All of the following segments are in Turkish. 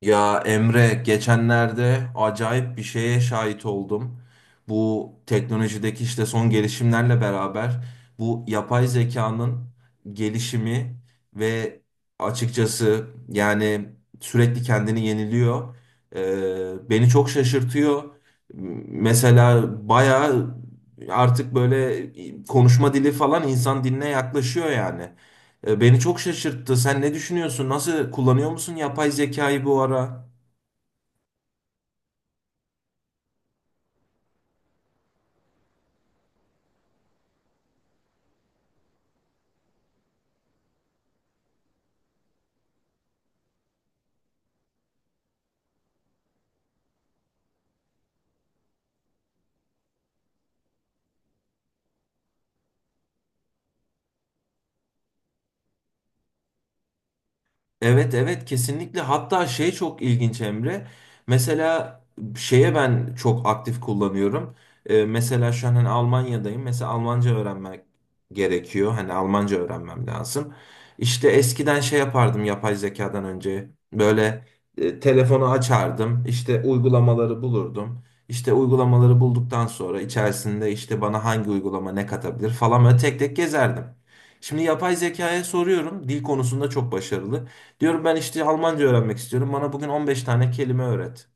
Ya Emre, geçenlerde acayip bir şeye şahit oldum. Bu teknolojideki işte son gelişimlerle beraber bu yapay zekanın gelişimi ve açıkçası yani sürekli kendini yeniliyor. Beni çok şaşırtıyor. Mesela bayağı artık böyle konuşma dili falan insan diline yaklaşıyor yani. Beni çok şaşırttı. Sen ne düşünüyorsun? Nasıl kullanıyor musun yapay zekayı bu ara? Evet, evet, kesinlikle. Hatta şey çok ilginç Emre, mesela şeye ben çok aktif kullanıyorum. Mesela şu an hani Almanya'dayım, mesela Almanca öğrenmek gerekiyor, hani Almanca öğrenmem lazım. İşte eskiden şey yapardım yapay zekadan önce, böyle, telefonu açardım, İşte uygulamaları bulurdum. İşte uygulamaları bulduktan sonra içerisinde işte bana hangi uygulama ne katabilir falan böyle tek tek gezerdim. Şimdi yapay zekaya soruyorum, dil konusunda çok başarılı. Diyorum ben işte Almanca öğrenmek istiyorum. Bana bugün 15 tane kelime öğret.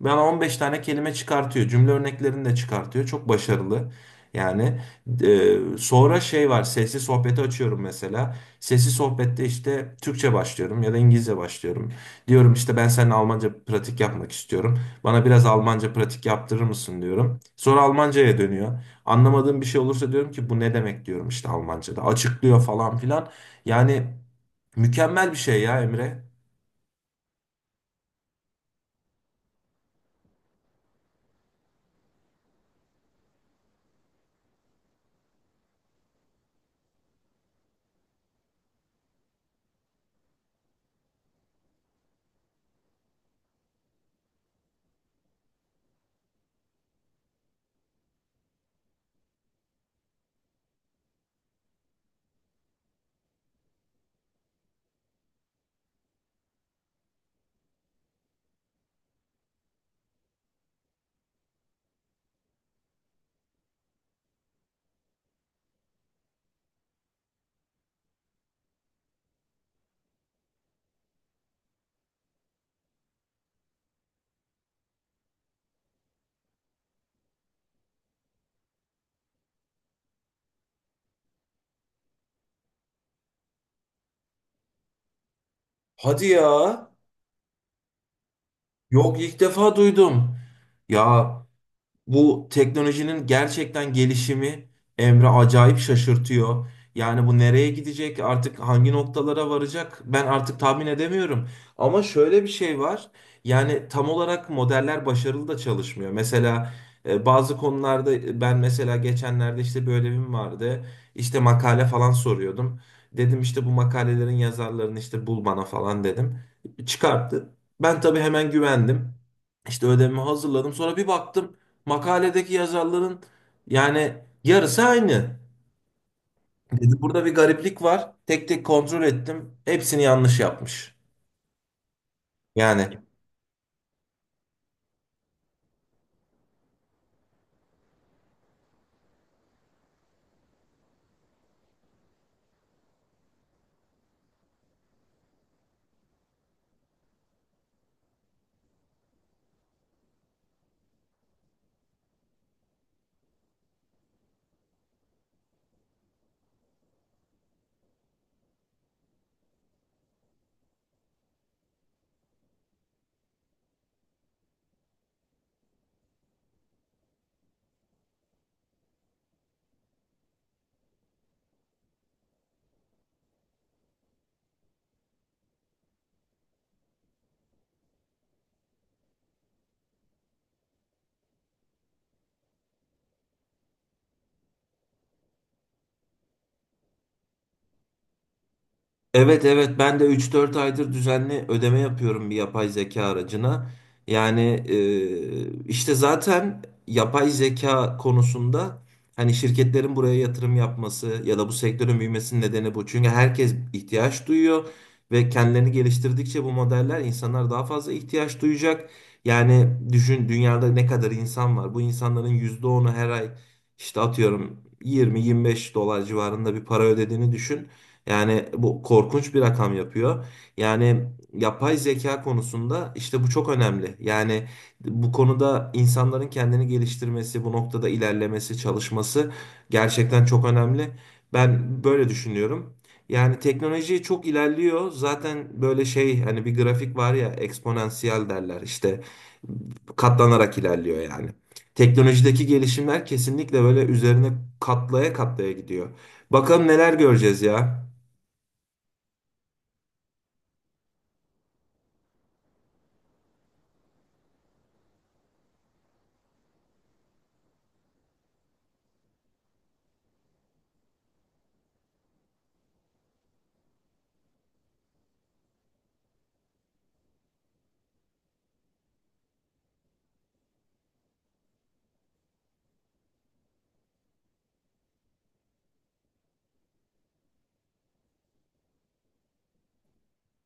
Bana 15 tane kelime çıkartıyor. Cümle örneklerini de çıkartıyor. Çok başarılı. Yani sonra şey var. Sesli sohbeti açıyorum mesela. Sesli sohbette işte Türkçe başlıyorum ya da İngilizce başlıyorum. Diyorum işte ben seninle Almanca pratik yapmak istiyorum. Bana biraz Almanca pratik yaptırır mısın diyorum. Sonra Almanca'ya dönüyor. Anlamadığım bir şey olursa diyorum ki bu ne demek diyorum işte Almanca'da. Açıklıyor falan filan. Yani mükemmel bir şey ya Emre. Hadi ya. Yok, ilk defa duydum. Ya bu teknolojinin gerçekten gelişimi Emre acayip şaşırtıyor. Yani bu nereye gidecek, artık hangi noktalara varacak ben artık tahmin edemiyorum. Ama şöyle bir şey var. Yani tam olarak modeller başarılı da çalışmıyor. Mesela bazı konularda ben mesela geçenlerde işte bir ödevim vardı. İşte makale falan soruyordum. Dedim işte bu makalelerin yazarlarını işte bul bana falan dedim. Çıkarttı. Ben tabii hemen güvendim. İşte ödevimi hazırladım. Sonra bir baktım. Makaledeki yazarların yani yarısı aynı. Dedi, burada bir gariplik var. Tek tek kontrol ettim. Hepsini yanlış yapmış. Yani evet, evet, ben de üç dört aydır düzenli ödeme yapıyorum bir yapay zeka aracına. Yani işte zaten yapay zeka konusunda hani şirketlerin buraya yatırım yapması ya da bu sektörün büyümesinin nedeni bu. Çünkü herkes ihtiyaç duyuyor ve kendilerini geliştirdikçe bu modeller insanlar daha fazla ihtiyaç duyacak. Yani düşün dünyada ne kadar insan var. Bu insanların %10'u her ay işte atıyorum 20 25 dolar civarında bir para ödediğini düşün. Yani bu korkunç bir rakam yapıyor. Yani yapay zeka konusunda işte bu çok önemli. Yani bu konuda insanların kendini geliştirmesi, bu noktada ilerlemesi, çalışması gerçekten çok önemli. Ben böyle düşünüyorum. Yani teknoloji çok ilerliyor. Zaten böyle şey hani bir grafik var ya, eksponansiyel derler işte, katlanarak ilerliyor yani. Teknolojideki gelişimler kesinlikle böyle üzerine katlaya katlaya gidiyor. Bakalım neler göreceğiz ya.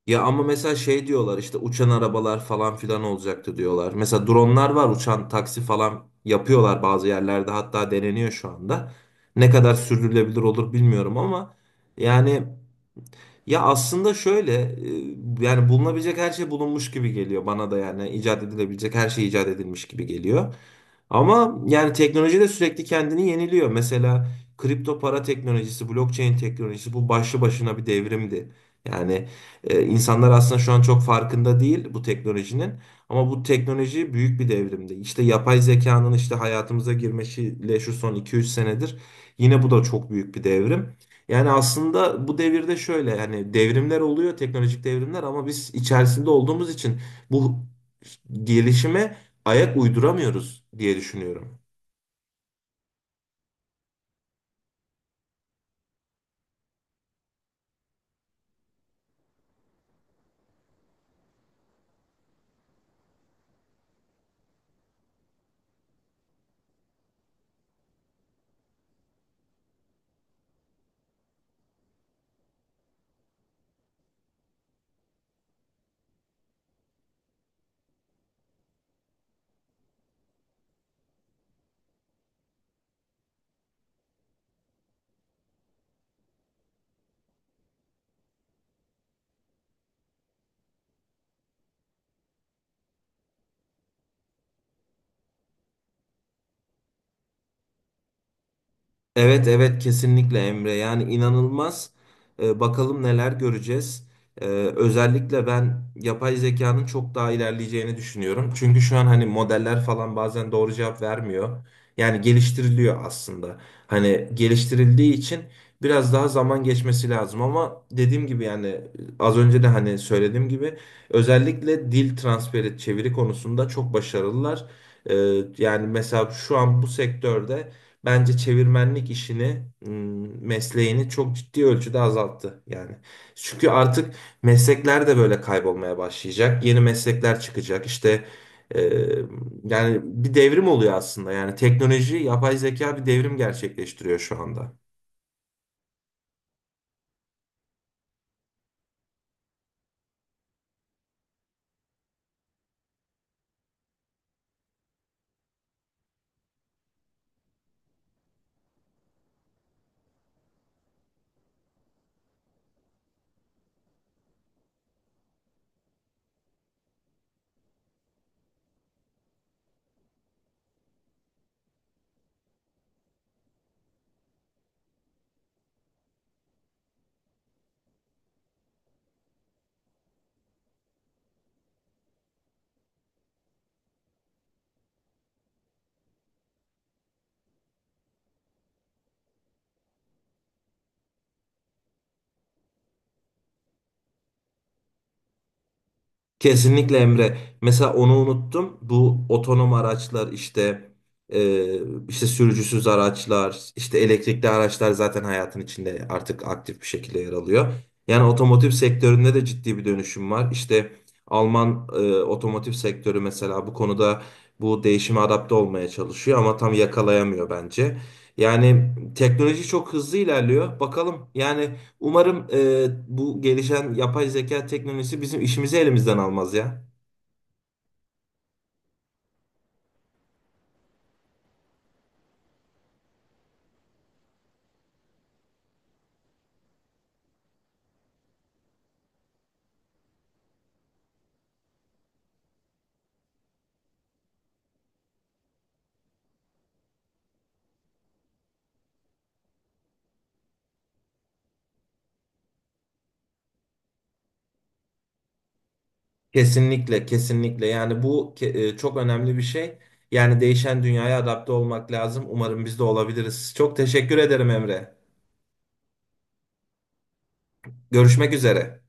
Ya ama mesela şey diyorlar işte uçan arabalar falan filan olacaktı diyorlar. Mesela dronlar var, uçan taksi falan yapıyorlar bazı yerlerde, hatta deneniyor şu anda. Ne kadar sürdürülebilir olur bilmiyorum ama yani ya aslında şöyle yani bulunabilecek her şey bulunmuş gibi geliyor bana da, yani icat edilebilecek her şey icat edilmiş gibi geliyor. Ama yani teknoloji de sürekli kendini yeniliyor. Mesela kripto para teknolojisi, blockchain teknolojisi bu başlı başına bir devrimdi. Yani insanlar aslında şu an çok farkında değil bu teknolojinin. Ama bu teknoloji büyük bir devrimdi. İşte yapay zekanın işte hayatımıza girmesiyle şu son iki üç senedir yine bu da çok büyük bir devrim. Yani aslında bu devirde şöyle yani devrimler oluyor, teknolojik devrimler ama biz içerisinde olduğumuz için bu gelişime ayak uyduramıyoruz diye düşünüyorum. Evet, evet, kesinlikle Emre, yani inanılmaz. Bakalım neler göreceğiz. Ee, Özellikle ben yapay zekanın çok daha ilerleyeceğini düşünüyorum. Çünkü şu an hani modeller falan bazen doğru cevap vermiyor. Yani geliştiriliyor aslında. Hani geliştirildiği için biraz daha zaman geçmesi lazım ama dediğim gibi yani az önce de hani söylediğim gibi özellikle dil transferi çeviri konusunda çok başarılılar. Ee, Yani mesela şu an bu sektörde bence çevirmenlik işini, mesleğini çok ciddi ölçüde azalttı yani. Çünkü artık meslekler de böyle kaybolmaya başlayacak. Yeni meslekler çıkacak. İşte e, yani bir devrim oluyor aslında. Yani teknoloji, yapay zeka bir devrim gerçekleştiriyor şu anda. Kesinlikle Emre. Mesela onu unuttum. Bu otonom araçlar işte, e, işte sürücüsüz araçlar, işte elektrikli araçlar zaten hayatın içinde artık aktif bir şekilde yer alıyor. Yani otomotiv sektöründe de ciddi bir dönüşüm var. İşte Alman otomotiv sektörü mesela bu konuda bu değişime adapte olmaya çalışıyor ama tam yakalayamıyor bence. Yani teknoloji çok hızlı ilerliyor. Bakalım yani umarım bu gelişen yapay zeka teknolojisi bizim işimizi elimizden almaz ya. Kesinlikle, kesinlikle. Yani bu çok önemli bir şey. Yani değişen dünyaya adapte olmak lazım. Umarım biz de olabiliriz. Çok teşekkür ederim Emre. Görüşmek üzere.